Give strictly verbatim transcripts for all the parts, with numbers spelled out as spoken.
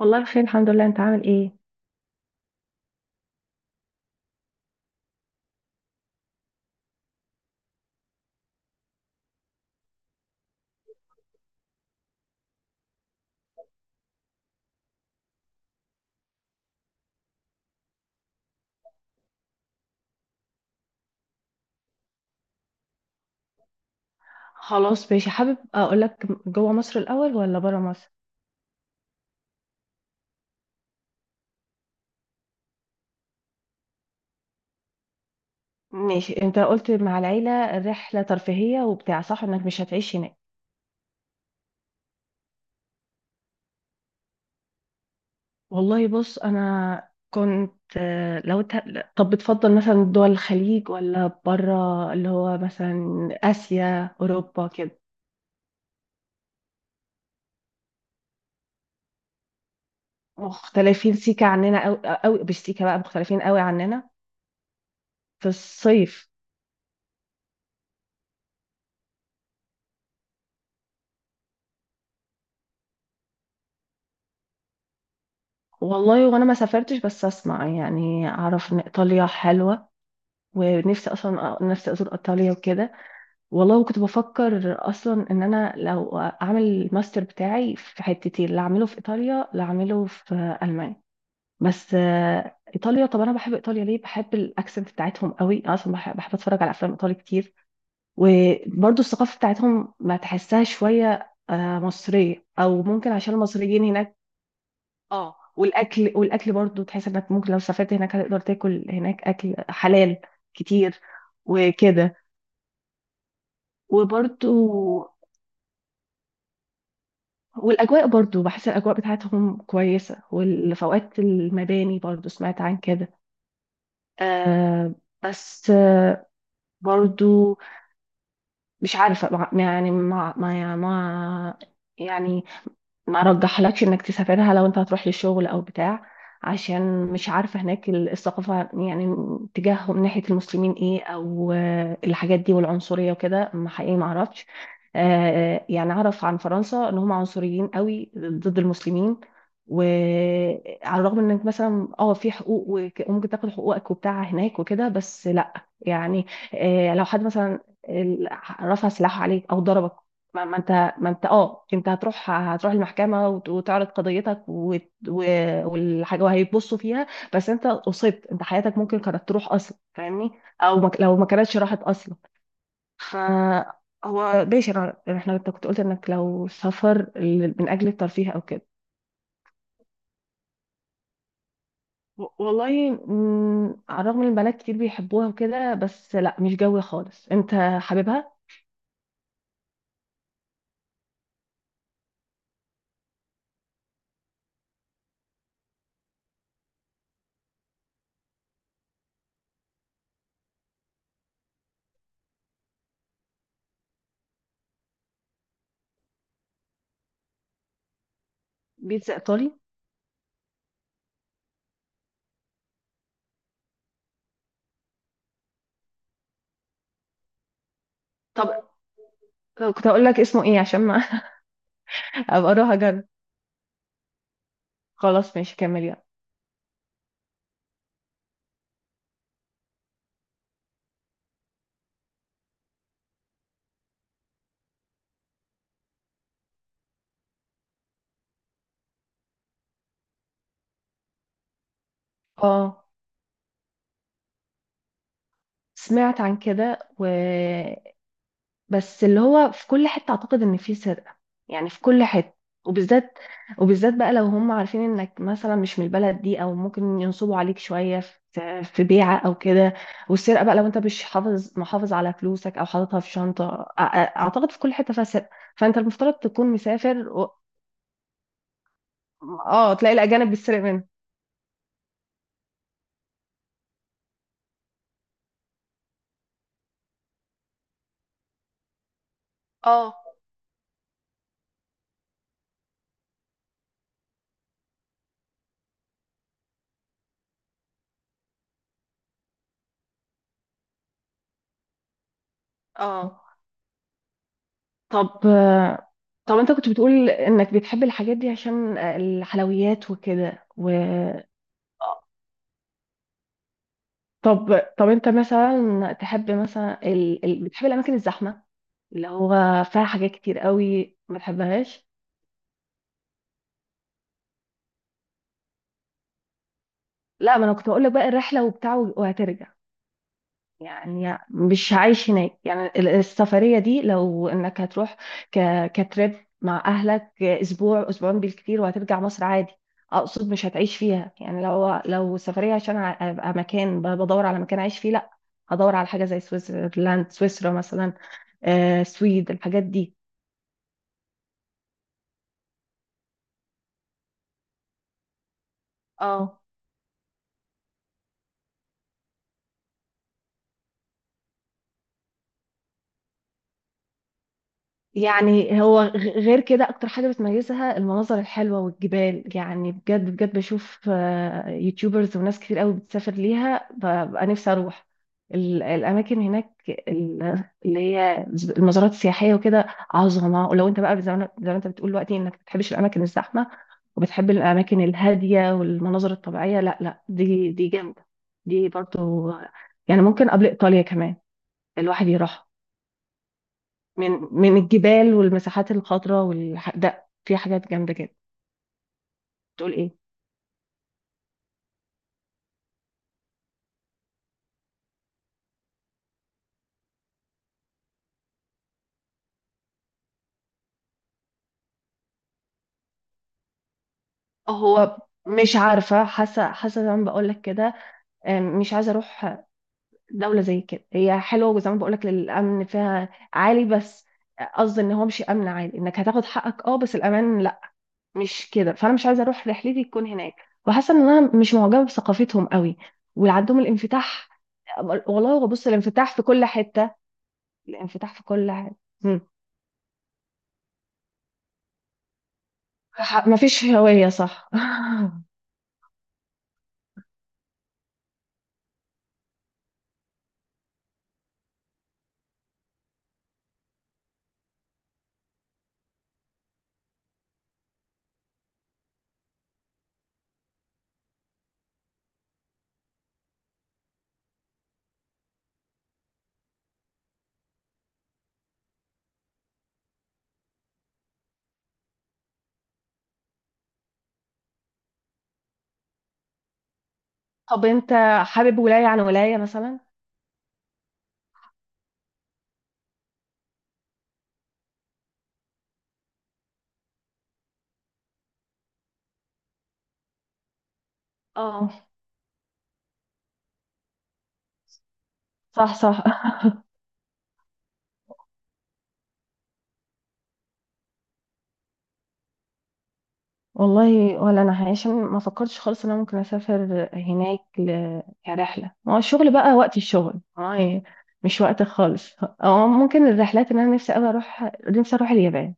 والله بخير، الحمد لله. انت عامل ايه؟ خلاص، ماشي. حابب اقول لك جوه مصر الاول ولا بره مصر؟ ماشي، انت قلت مع العيله رحله ترفيهيه وبتاع، صح؟ انك مش هتعيش هناك. والله بص، انا كنت آه، لو ت... طب بتفضل مثلا دول الخليج ولا بره، اللي هو مثلا اسيا، اوروبا كده؟ مختلفين سيكا عننا قوي قوي، مش سيكا بقى، مختلفين قوي عننا. في الصيف. والله وانا ما سافرتش، بس اسمع يعني اعرف ان ايطاليا حلوه. ونفسي اصلا، نفسي ازور ايطاليا وكده. والله وكنت بفكر اصلا ان انا لو اعمل الماستر بتاعي في حتتين، لا اعمله في ايطاليا لا اعمله في المانيا. بس آه، ايطاليا. طب انا بحب ايطاليا ليه؟ بحب الاكسنت بتاعتهم قوي. أنا اصلا بحب, بحب اتفرج على افلام ايطالي كتير. وبرضو الثقافه بتاعتهم ما تحسها شويه آه، مصريه، او ممكن عشان المصريين هناك. اه، والاكل والاكل برضو تحس انك ممكن لو سافرت هناك هتقدر تاكل هناك اكل حلال كتير وكده. وبرضو والأجواء برضو، بحس الأجواء بتاعتهم كويسة، والفوقات المباني برضو سمعت عن كده. آه بس آه برضو مش عارفة مع- يعني ما ما ما يعني ما رجحلكش انك تسافرها لو انت هتروح للشغل او بتاع. عشان مش عارفة هناك ال- الثقافة يعني تجاههم ناحية المسلمين ايه، او آه، الحاجات دي والعنصرية وكده، ما حقيقي ما اعرفش. آه، يعني اعرف عن فرنسا ان هم عنصريين قوي ضد المسلمين. وعلى الرغم انك مثلا اه في حقوق وك- وممكن تاخد حقوقك وبتاع هناك وكده، بس لا. يعني آه، لو حد مثلا ال- رفع سلاحه عليك او ضربك، ما ما انت ما انت اه انت هتروح هتروح المحكمه وت- وتعرض قضيتك وت- و- والحاجه وهيبصوا فيها. بس انت اصبت، انت حياتك ممكن كانت تروح اصلا، فاهمني؟ او ما لو ما كانتش راحت اصلا. ف هو ماشي، انا- احنا، انت كنت قلت انك لو سفر ل- من اجل الترفيه او كده. و- والله، مم، على الرغم ان البنات كتير بيحبوها وكده بس لا، مش جوي خالص. انت حاببها؟ بيتزا ايطالي. طب طب كنت اقول لك اسمه ايه عشان ما ابقى اروح اجرب. خلاص، ماشي، كمل، يلا. اه، سمعت عن كده و... بس اللي هو في كل حتة اعتقد ان في سرقة. يعني في كل حتة. وبالذات وبالذات بقى، لو هم عارفين انك مثلا مش من البلد دي، او ممكن ينصبوا عليك شوية في في بيعة او كده. والسرقة بقى، لو انت مش حافظ محافظ على فلوسك او حاططها في شنطة، أ- أ- اعتقد في كل حتة فيها سرقة. فانت المفترض تكون مسافر و... اه، تلاقي الاجانب بيسرق منك. اه، اه. طب طب انت كنت بتقول انك بتحب الحاجات دي عشان الحلويات وكده و طب طب انت مثلا تحب مثلا، ال... ال... بتحب الاماكن الزحمه اللي هو فيها حاجات كتير قوي، ما تحبهاش؟ لا، ما انا كنت بقول لك بقى الرحله وبتاع وهترجع. يعني مش عايش هناك، يعني ال- السفرية دي لو انك هتروح ك... كتريب مع اهلك اسبوع اسبوعين بالكتير، وهترجع مصر عادي. اقصد مش هتعيش فيها يعني، لو لو سفرية عشان ع- ابقى مكان ب- بدور على مكان اعيش فيه، لا. هدور على حاجة زي سويسرلاند، سويسرا مثلا. آه، سويد الحاجات دي. اه، يعني هو غ- غير كده اكتر حاجة بتميزها المناظر الحلوة والجبال، يعني بجد بجد بشوف آه، يوتيوبرز وناس كتير قوي بتسافر ليها، ببقى نفسي اروح ال- الاماكن هناك، ال- اللي هي المزارات السياحية وكده. عظمة. ولو انت بقى زي ما زي ما انت بتقول دلوقتي انك ما بتحبش الاماكن الزحمة، وبتحب الاماكن الهادية والمناظر الطبيعية، لا، لا، دي دي جامدة. دي برضو، يعني ممكن قبل ايطاليا كمان الواحد يروح من من الجبال والمساحات الخضراء والح... ده في حاجات جامدة جدا. تقول ايه؟ هو طب مش عارفة، حاسة حاسة زي ما بقول لك كده. آم، مش عايزة اروح دولة زي كده. هي حلوة زي ما بقول لك، الامن فيها عالي بس. قصدي ان هو مش امن عالي انك هتاخد حقك اه، بس الامان لا، مش كده. فانا مش عايزة اروح رحلتي تكون هناك، وحاسة ان انا مش معجبة بثقافتهم قوي، واللي عندهم الانفتاح. والله هو بص، الانفتاح في كل حتة. الانفتاح في كل حتة. ح- مفيش هوية، صح؟ طب انت حابب ولاية عن ولاية مثلا؟ اه، صح، صح. والله ولا انا، عشان ما فكرتش خالص ان انا ممكن اسافر هناك ل... كرحله. ما هو الشغل بقى وقت الشغل هاي، مش وقت خالص. اه، ممكن الرحلات ان انا نفسي قوي اروح، نفسي اروح اليابان.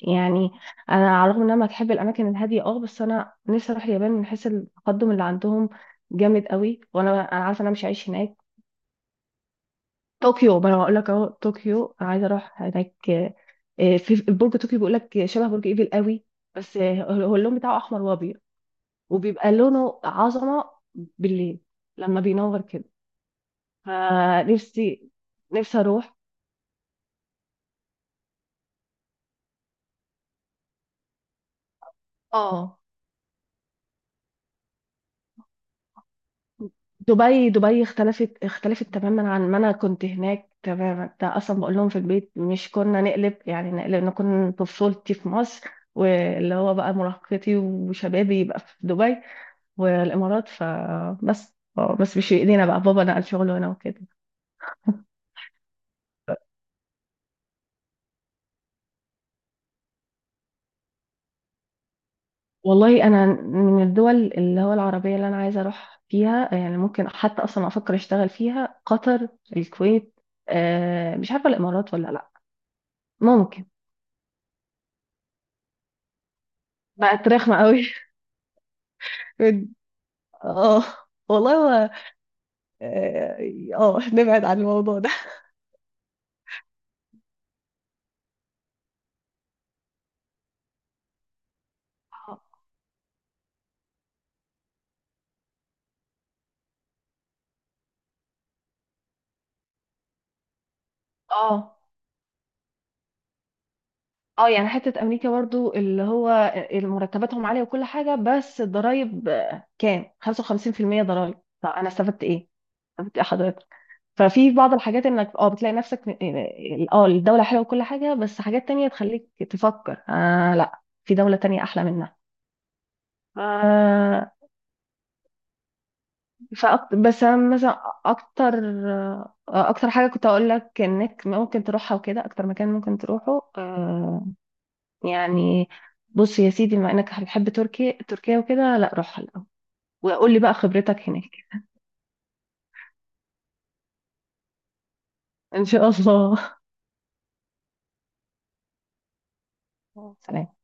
يعني انا على الرغم ان انا بحب الاماكن الهاديه اه، بس انا نفسي اروح اليابان من حيث التقدم اللي عندهم جامد قوي. وانا انا عارفه ان انا مش هعيش هناك. طوكيو، ما انا هقول لك اهو، طوكيو انا عايزه اروح هناك. آه، آه، في برج طوكيو بيقول لك شبه برج ايفل قوي، بس آه، هو اللون بتاعه احمر وابيض، وبيبقى لونه عظمه بالليل لما بينور كده. فنفسي نفسي اروح. اه، دبي. دبي اختلفت، اختلفت تماما عن ما انا كنت هناك، تماما. ده اصلا بقول لهم في البيت، مش كنا نقلب يعني نقلب نكون طفولتي في مصر، واللي هو بقى مراهقتي وشبابي يبقى في دبي والامارات. فبس آه، بس مش في ايدينا بقى، بابا نقل شغله هنا وكده. والله انا من الدول اللي هو العربيه اللي انا عايزه اروح فيها، يعني ممكن حتى اصلا افكر اشتغل فيها، قطر، الكويت. آه مش عارفه الامارات ولا لا. ممكن بقت رخمه قوي. اه. والله. هو اه، آه، نبعد عن الموضوع ده. اه، اه يعني حتة امريكا برضو، اللي هو مرتباتهم عالية وكل حاجة، بس الضرايب آه، كام خمسة وخمسين في المية ضرايب؟ طب انا استفدت ايه؟ استفدت ايه حضرتك؟ ففي بعض الحاجات انك اه بتلاقي نفسك م- اه، الدولة حلوة وكل حاجة، بس حاجات تانية تخليك تفكر آه لا، في دولة تانية احلى منها. آه فأكتر، بس أنا مثلا اكتر، آه، اكتر حاجة كنت اقول لك انك ممكن تروحها وكده، اكتر مكان ممكن تروحه آه، يعني، بص يا سيدي، بما انك بتحب تركيا تركيا وكده، لا روحها الاول وقول لي بقى خبرتك هناك. ان شاء الله. سلام.